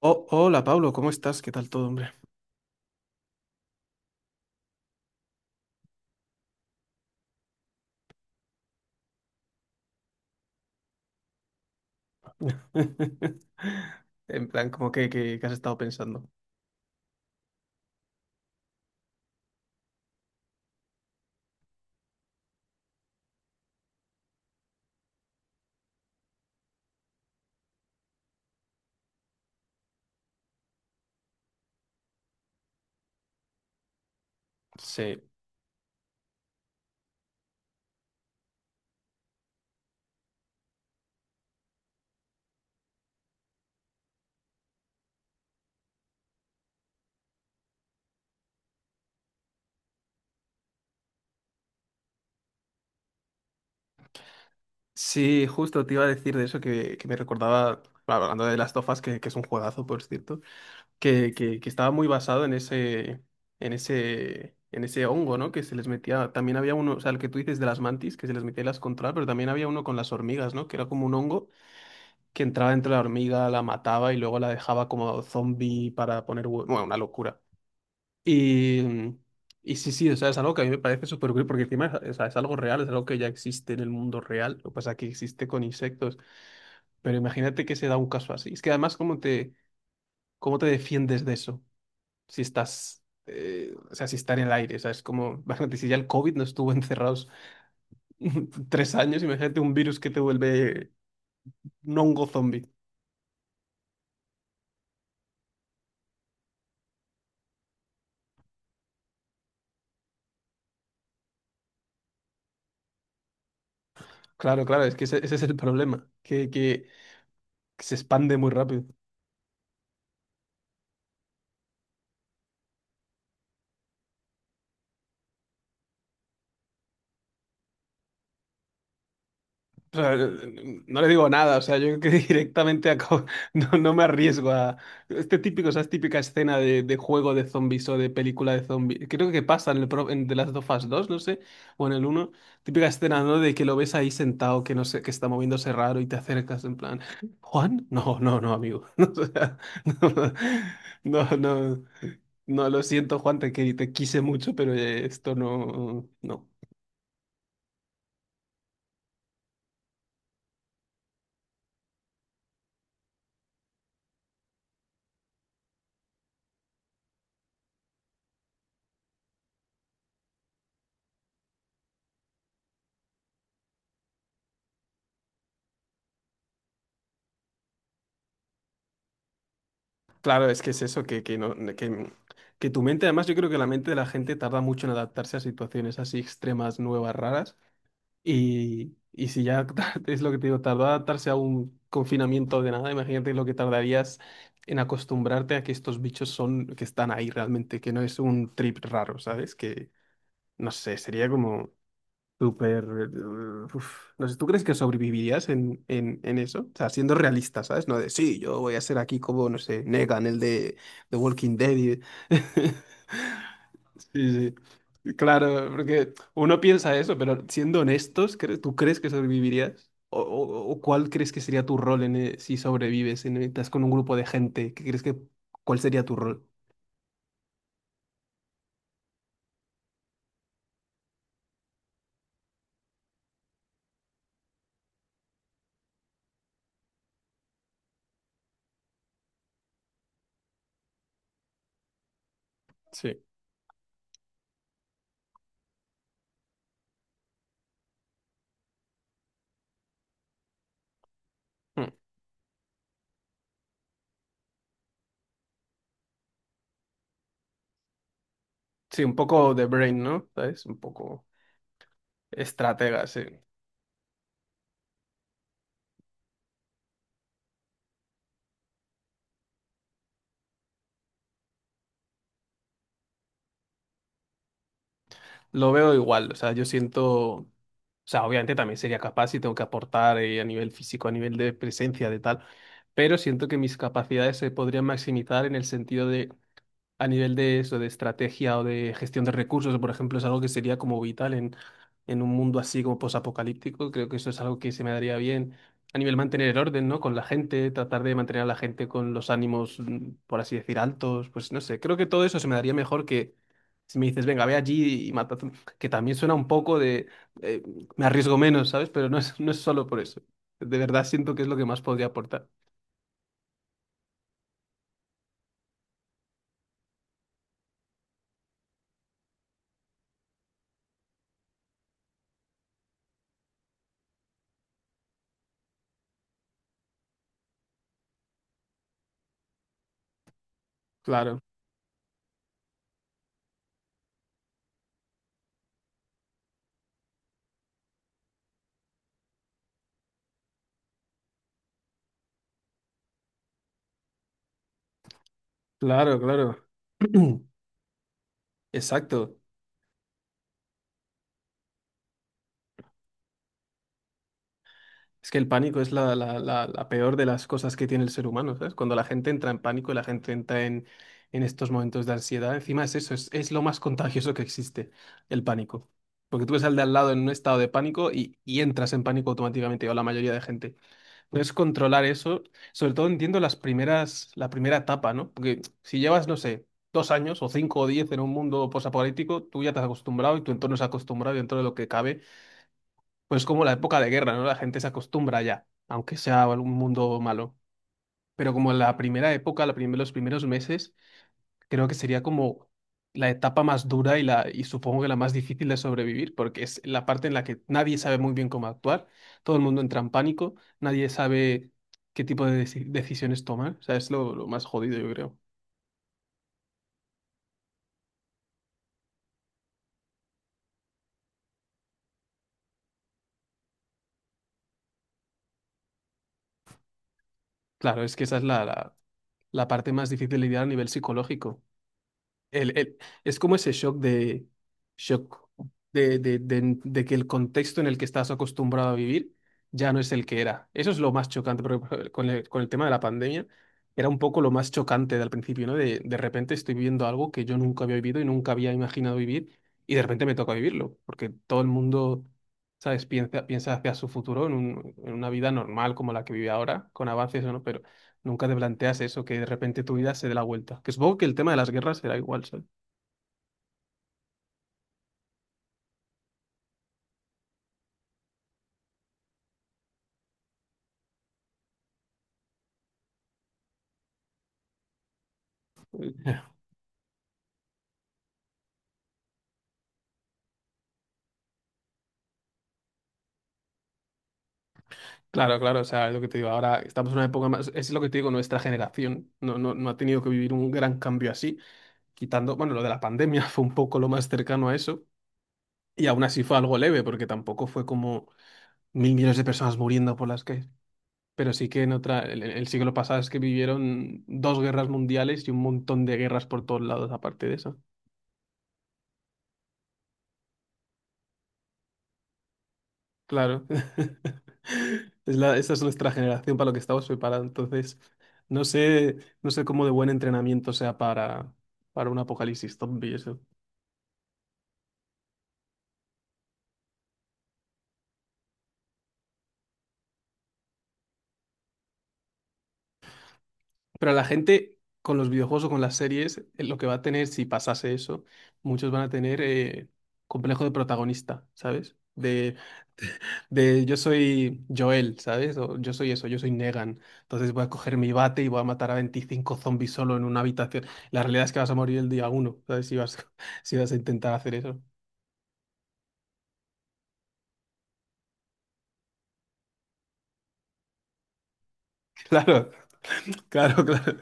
Oh, hola Pablo, ¿cómo estás? ¿Qué tal todo, hombre? En plan, como que has estado pensando. Sí. Sí, justo te iba a decir de eso que me recordaba, claro, hablando de las tofas, que es un juegazo, por cierto, que estaba muy basado en ese, en ese hongo, ¿no? Que se les metía. También había uno, o sea, el que tú dices de las mantis, que se les metía y las controlaba, pero también había uno con las hormigas, ¿no? Que era como un hongo que entraba dentro de la hormiga, la mataba y luego la dejaba como zombie para poner. Bueno, una locura. Y, mm, y o sea, es algo que a mí me parece súper cool porque encima es, o sea, es algo real, es algo que ya existe en el mundo real, lo que pasa es que existe con insectos, pero imagínate que se da un caso así. Es que además, ¿cómo te defiendes de eso? Si estás, o sea, si está en el aire, o sea, es como, imagínate, si ya el COVID no estuvo encerrados tres años, imagínate un virus que te vuelve no un hongo zombie. Claro, es que ese es el problema, que se expande muy rápido. O sea, no le digo nada, o sea, yo creo que no, no me arriesgo a este típico, esa típica escena de juego de zombies o de película de zombies. Creo que pasa en, en The Last of Us 2, no sé, o en el uno. Típica escena, ¿no? De que lo ves ahí sentado, que no sé, que está moviéndose raro y te acercas en plan, ¿Juan? No, amigo. O sea, no, no, no, no, no, lo siento, Juan, te quise mucho, pero esto no, no. Claro, es que es eso, no, que tu mente, además yo creo que la mente de la gente tarda mucho en adaptarse a situaciones así extremas, nuevas, raras, y si ya es lo que te digo, tardó adaptarse a un confinamiento de nada, imagínate lo que tardarías en acostumbrarte a que estos bichos son, que están ahí realmente, que no es un trip raro, ¿sabes? Que, no sé, sería como... Súper. No sé, ¿tú crees que sobrevivirías en, en eso? O sea, siendo realista, ¿sabes? No de sí, yo voy a ser aquí como, no sé, Negan, el de The Walking Dead. Sí, sí. Claro, porque uno piensa eso, pero siendo honestos, ¿tú crees que sobrevivirías? ¿O, o cuál crees que sería tu rol en, si sobrevives, en, estás con un grupo de gente? ¿Qué crees que, cuál sería tu rol? Sí. Mm. Sí, un poco de brain, ¿no? ¿Sabes? Un poco estratega, sí. Lo veo igual, o sea, yo siento, o sea, obviamente también sería capaz y tengo que aportar a nivel físico, a nivel de presencia, de tal, pero siento que mis capacidades se podrían maximizar en el sentido de a nivel de eso, de estrategia o de gestión de recursos, por ejemplo, es algo que sería como vital en un mundo así como posapocalíptico. Creo que eso es algo que se me daría bien a nivel mantener el orden, ¿no? Con la gente, tratar de mantener a la gente con los ánimos, mm, por así decir, altos. Pues no sé, creo que todo eso se me daría mejor que si me dices, venga, ve allí y mata, que también suena un poco de, eh, me arriesgo menos, ¿sabes? Pero no es, no es solo por eso. De verdad siento que es lo que más podría aportar. Claro, claro, Exacto. Es que el pánico es la, la peor de las cosas que tiene el ser humano, ¿sabes? Cuando la gente entra en pánico y la gente entra en estos momentos de ansiedad, encima es eso, es lo más contagioso que existe, el pánico. Porque tú ves al de al lado en un estado de pánico y entras en pánico automáticamente, o la mayoría de gente. Entonces, controlar eso, sobre todo entiendo las primeras, la primera etapa, ¿no? Porque si llevas, no sé, 2 años o cinco o diez en un mundo posapocalíptico, tú ya te has acostumbrado y tu entorno se ha acostumbrado y dentro de lo que cabe pues como la época de guerra, ¿no? La gente se acostumbra ya, aunque sea algún mundo malo. Pero como la primera época, los primeros meses, creo que sería como la etapa más dura y, y supongo que la más difícil de sobrevivir, porque es la parte en la que nadie sabe muy bien cómo actuar, todo el mundo entra en pánico, nadie sabe qué tipo de decisiones tomar. O sea, es lo más jodido, yo creo. Claro, es que esa es la, la, la parte más difícil de lidiar a nivel psicológico. el- el- es como ese shock de, shock de que el contexto en el que estás acostumbrado a vivir ya no es el que era. Eso es lo más chocante, porque por ejemplo, con el tema de la pandemia era un poco lo más chocante del principio, ¿no? De repente estoy viviendo algo que yo nunca había vivido y nunca había imaginado vivir y de repente me toca vivirlo, porque todo el mundo, ¿sabes? Piensa, piensa hacia su futuro en, en una vida normal como la que vive ahora, con avances o no, pero nunca te planteas eso, que de repente tu vida se dé la vuelta. Que supongo que el tema de las guerras será igual, ¿sabes? Claro, claro, o sea, es lo que te digo. Ahora estamos en una época más, es lo que te digo, nuestra generación no ha tenido que vivir un gran cambio así, quitando, bueno, lo de la pandemia fue un poco lo más cercano a eso, y aún así fue algo leve, porque tampoco fue como mil millones de personas muriendo por las calles. Pero sí que en otra, el siglo pasado es que vivieron 2 guerras mundiales y un montón de guerras por todos lados, aparte de eso. Claro. Es la, esa es nuestra generación para lo que estamos preparados. Entonces, no sé cómo de buen entrenamiento sea para un apocalipsis zombie eso. Pero la gente con los videojuegos o con las series, lo que va a tener si pasase eso, muchos van a tener complejo de protagonista, ¿sabes? De yo soy Joel, ¿sabes? O yo soy eso, yo soy Negan. Entonces voy a coger mi bate y voy a matar a 25 zombies solo en una habitación. La realidad es que vas a morir el día uno, ¿sabes? Si vas, si vas a intentar hacer eso. Claro,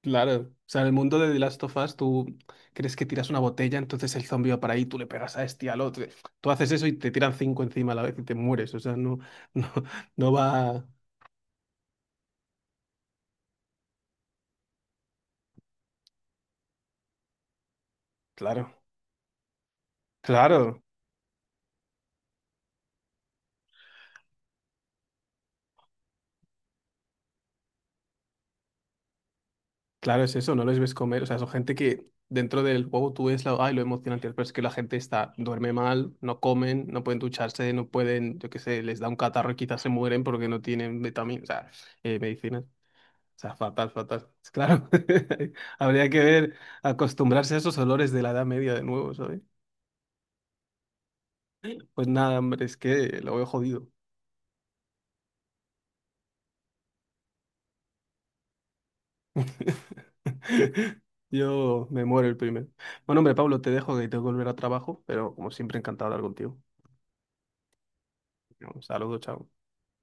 claro. O sea, en el mundo de The Last of Us, tú crees que tiras una botella, entonces el zombie va para ahí, tú le pegas a este y al otro. Tú haces eso y te tiran cinco encima a la vez y te mueres. O sea, no, no, no va. Claro, claro. Claro, es eso, no les ves comer. O sea, son gente que dentro del juego tú ves la, ay, lo emocionante, pero es que la gente está, duerme mal, no comen, no pueden ducharse, no pueden, yo qué sé, les da un catarro y quizás se mueren porque no tienen vitaminas, o sea, medicinas. O sea, fatal, fatal. Es claro, habría que ver, acostumbrarse a esos olores de la Edad Media de nuevo, ¿sabes? Pues nada, hombre, es que lo veo jodido. Yo me muero el primero. Bueno, hombre, Pablo, te dejo que tengo que volver a trabajo, pero como siempre, encantado de hablar contigo. Un saludo, chao.